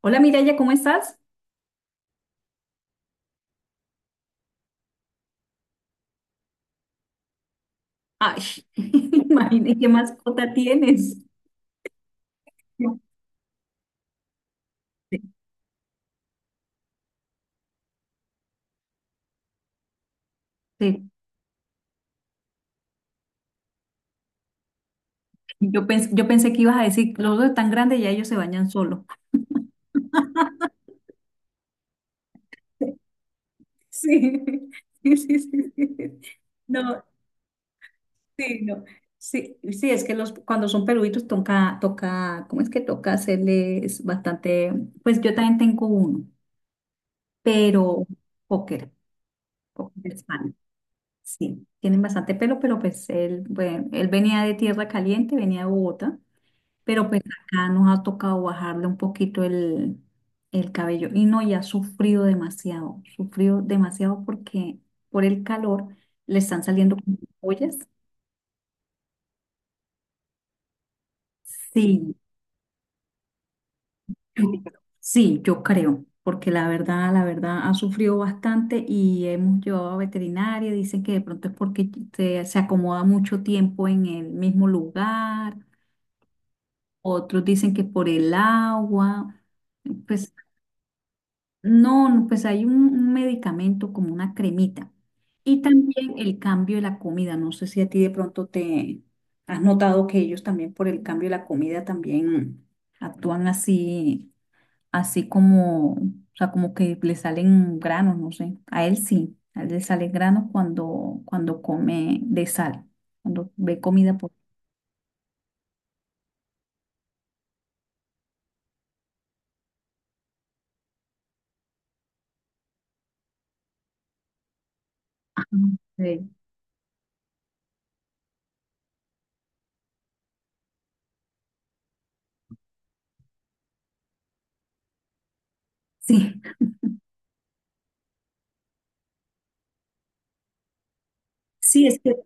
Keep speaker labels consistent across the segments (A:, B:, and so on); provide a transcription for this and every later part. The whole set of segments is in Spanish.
A: Hola Miraya, ¿cómo estás? Ay, imaginé qué mascota tienes. Sí, sí. Yo pensé que ibas a decir, los dos tan grandes ya ellos se bañan solos. Sí, sí, sí, sí, sí. No, sí, no. Sí, sí, cuando son peluditos toca, ¿cómo es que toca hacerles bastante? Pues yo también tengo uno, pero póker, póker Spaniel. Sí, tienen bastante pelo, pero pues él, bueno, él venía de tierra caliente, venía de Bogotá. Pero pues acá nos ha tocado bajarle un poquito el, cabello. Y no, ya ha sufrido demasiado, sufrió demasiado porque por el calor le están saliendo como ollas. Sí, sí, yo creo, porque la verdad ha sufrido bastante y hemos llevado a veterinaria, dicen que de pronto es porque se acomoda mucho tiempo en el mismo lugar, otros dicen que por el agua, pues. No, no, pues hay un medicamento como una cremita. Y también el cambio de la comida. No sé si a ti de pronto te has notado que ellos también por el cambio de la comida también actúan así, así como, o sea, como que le salen granos, no sé. A él sí, a él le salen granos cuando come de sal, cuando ve comida por. Ajá. Sí, sí, sí, es que.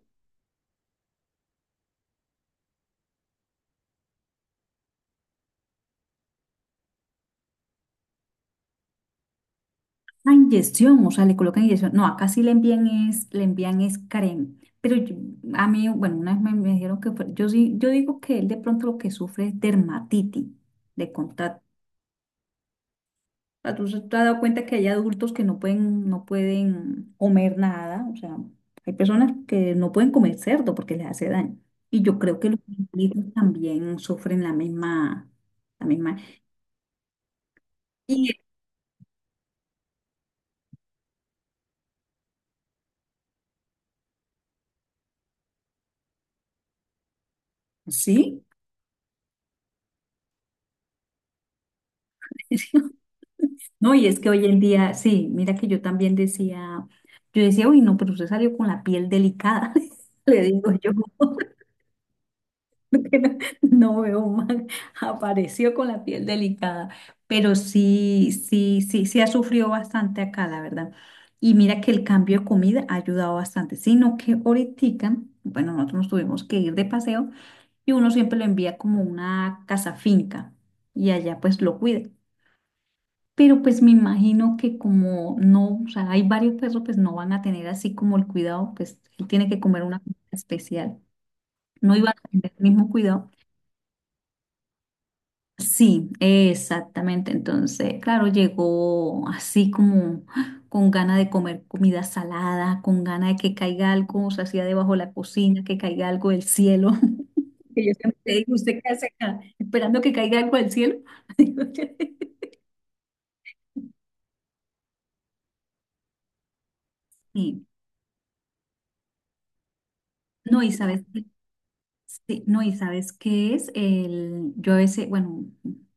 A: Ah, inyección, o sea, le colocan inyección. No, acá sí le envían es crema. Pero yo- a mí, bueno, una vez me dijeron yo sí, yo digo que él de pronto lo que sufre es dermatitis de contacto. Ah, ¿te has dado cuenta que hay adultos que no pueden, no pueden comer nada? O sea, hay personas que no pueden comer cerdo porque les hace daño. Y yo creo que los animalitos también sufren la misma, la misma. Y sí. No, y es que hoy en día, sí, mira que yo decía, uy, no, pero usted salió con la piel delicada, le digo yo, porque no, no veo mal, apareció con la piel delicada, pero sí, sí, sí, sí ha sufrido bastante acá, la verdad. Y mira que el cambio de comida ha ayudado bastante, sino que ahorita, bueno, nosotros nos tuvimos que ir de paseo y uno siempre lo envía como una casa finca y allá pues lo cuida. Pero pues me imagino que como no, o sea, hay varios perros, pues no van a tener así como el cuidado, pues él tiene que comer una comida especial. No iban a tener el mismo cuidado. Sí, exactamente. Entonces, claro, llegó así como ¡ah!, con ganas de comer comida salada, con ganas de que caiga algo, o sea, hacía debajo de la cocina, que caiga algo del cielo. Que yo siempre le digo, ¿usted qué hace acá? Esperando que caiga algo del cielo. Digo yo. Sí. No, y sabes. Sí, no, y sabes qué es el, yo a veces, bueno,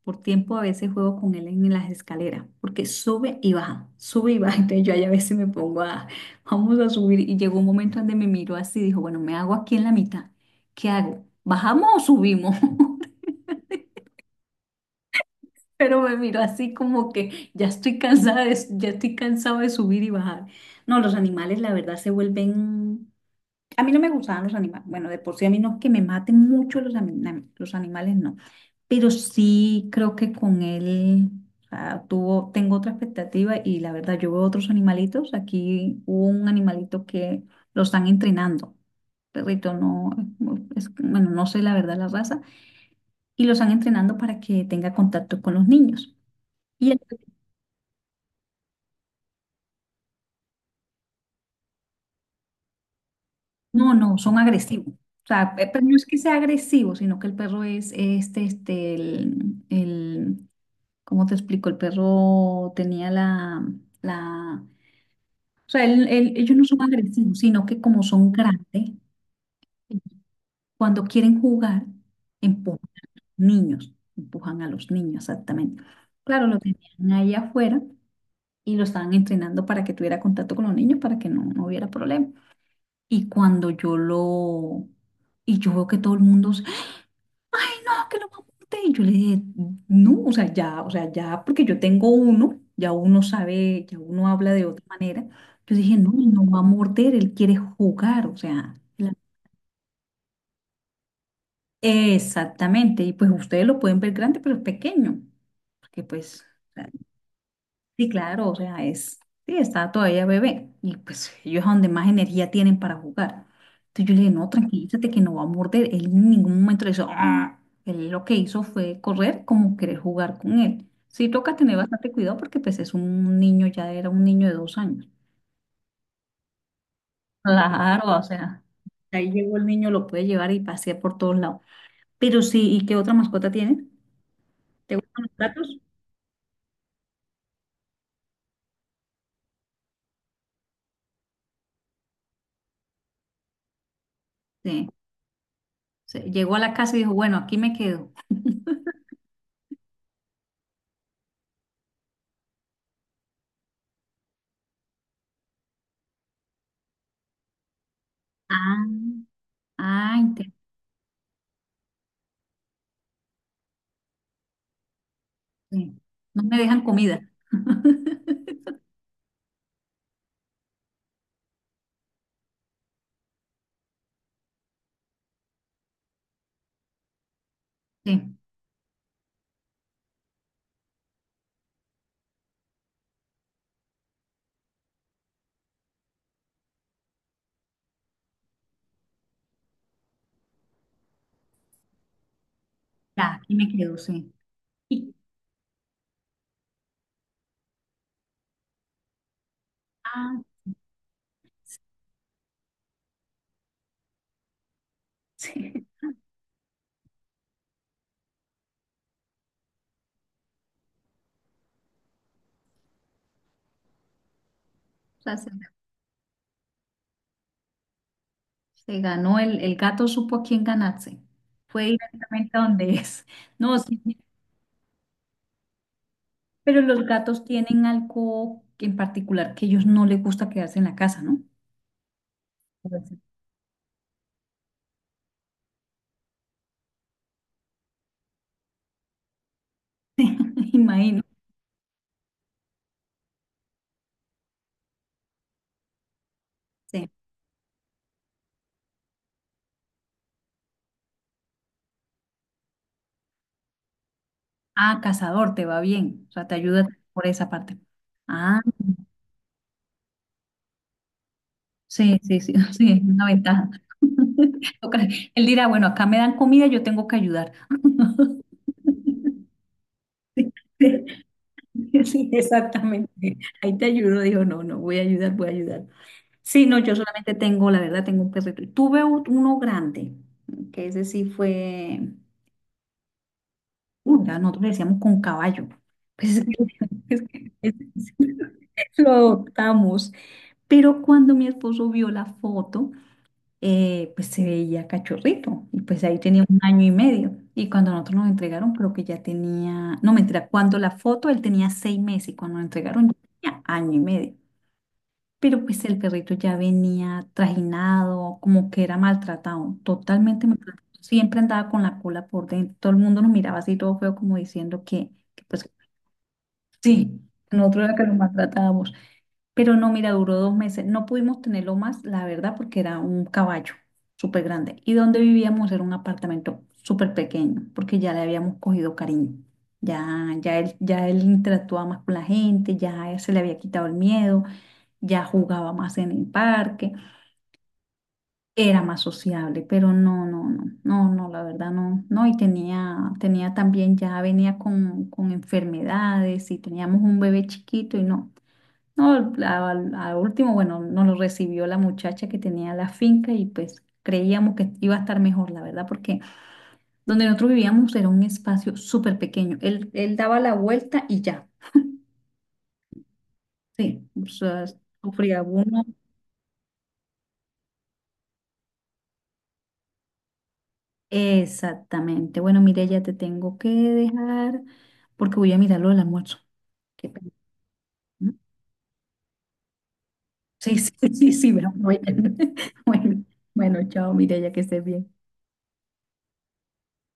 A: por tiempo a veces juego con él en las escaleras, porque sube y baja, entonces yo ahí a veces me pongo a, vamos a subir, y llegó un momento donde me miró así, dijo, bueno, me hago aquí en la mitad, ¿qué hago? ¿Bajamos o subimos? Pero me miró así como que ya estoy cansada de, ya estoy cansado de subir y bajar. No, los animales la verdad se vuelven, a mí no me gustaban los animales, bueno, de por sí a mí no es que me maten mucho los animales, no, pero sí creo que con él tengo otra expectativa y la verdad yo veo otros animalitos. Aquí hubo un animalito que lo están entrenando. Perrito, no, es, bueno, no sé la verdad la raza. Y lo están entrenando para que tenga contacto con los niños. Y el- no, no, son agresivos. O sea, pero no es que sea agresivo, sino que el perro es ¿cómo te explico? El perro tenía la. O sea, ellos no son agresivos, sino que como son grandes, cuando quieren jugar, empujan niños, empujan a los niños, exactamente. Claro, lo tenían ahí afuera y lo estaban entrenando para que tuviera contacto con los niños, para que no hubiera problema. Y cuando yo lo, y yo veo que todo el mundo, "Ah, que lo apunté". Y yo le dije, no, o sea, ya, porque yo tengo uno, ya uno sabe, ya uno habla de otra manera. Yo dije, no, él no va a morder, él quiere jugar, o sea. Exactamente. Y pues ustedes lo pueden ver grande, pero es pequeño, porque pues, o sea. Sí, claro, o sea, es, sí, está todavía bebé y pues ellos es donde más energía tienen para jugar. Entonces yo le dije, no, tranquilízate que no va a morder. Él en ningún momento le hizo, "ah". Él lo que hizo fue correr como querer jugar con él. Sí, toca tener bastante cuidado porque pues es un niño, ya era un niño de 2 años. Claro, o sea, ahí llegó el niño, lo puede llevar y pasear por todos lados. Pero sí, ¿y qué otra mascota tiene? ¿Te gustan los gatos? Sí, sí, llegó a la casa y dijo, bueno, aquí me quedo. Ah, ah. Sí. No me dejan comida. Sí, ya, aquí me quedo, sí. Y- ah, sí. O sea, se ganó el gato, supo a quién ganarse. Fue directamente a donde es. No, sí, sí, pero los gatos tienen algo que en particular que ellos no les gusta quedarse en la casa, ¿no? Pues sí. Imagino. Sí. Ah, cazador, te va bien. O sea, te ayuda por esa parte. Ah. Sí, sí, sí, sí, es una ventaja. Ok. Él dirá, bueno, acá me dan comida, yo tengo que ayudar. Sí, sí, sí, exactamente. Ahí te ayudo, dijo, no, no, voy a ayudar, voy a ayudar. Sí, no, yo solamente tengo, la verdad, tengo un perrito. Y tuve uno grande, que ese sí fue, ya nosotros le decíamos con caballo. Pues, lo adoptamos. Pero cuando mi esposo vio la foto, pues se veía cachorrito y pues ahí tenía un año y medio. Y cuando nosotros nos entregaron, creo que ya tenía, no mentira, cuando la foto él tenía 6 meses y cuando nos entregaron ya tenía año y medio. Pero pues el perrito ya venía trajinado, como que era maltratado, totalmente maltratado. Siempre andaba con la cola por dentro. Todo el mundo nos miraba así todo feo como diciendo que pues sí, nosotros era que lo maltratábamos. Pero no, mira, duró 2 meses. No pudimos tenerlo más, la verdad, porque era un caballo súper grande. Y donde vivíamos era un apartamento súper pequeño, porque ya le habíamos cogido cariño. Ya él interactuaba más con la gente, ya se le había quitado el miedo, ya jugaba más en el parque, era más sociable, pero no, no, no, no, no, la verdad no, no, y tenía también, ya venía con enfermedades y teníamos un bebé chiquito y no. No, a último, bueno, nos lo recibió la muchacha que tenía la finca y pues creíamos que iba a estar mejor, la verdad, porque donde nosotros vivíamos era un espacio súper pequeño. Él daba la vuelta y ya. Sí, o sea, sufría uno. Exactamente. Bueno, mire, ya te tengo que dejar porque voy a mirarlo del almuerzo. Qué pena. ¿No? Sí, sí, sí, sí, bueno, bueno, bueno, bueno, chao, Mireya, que estés bien.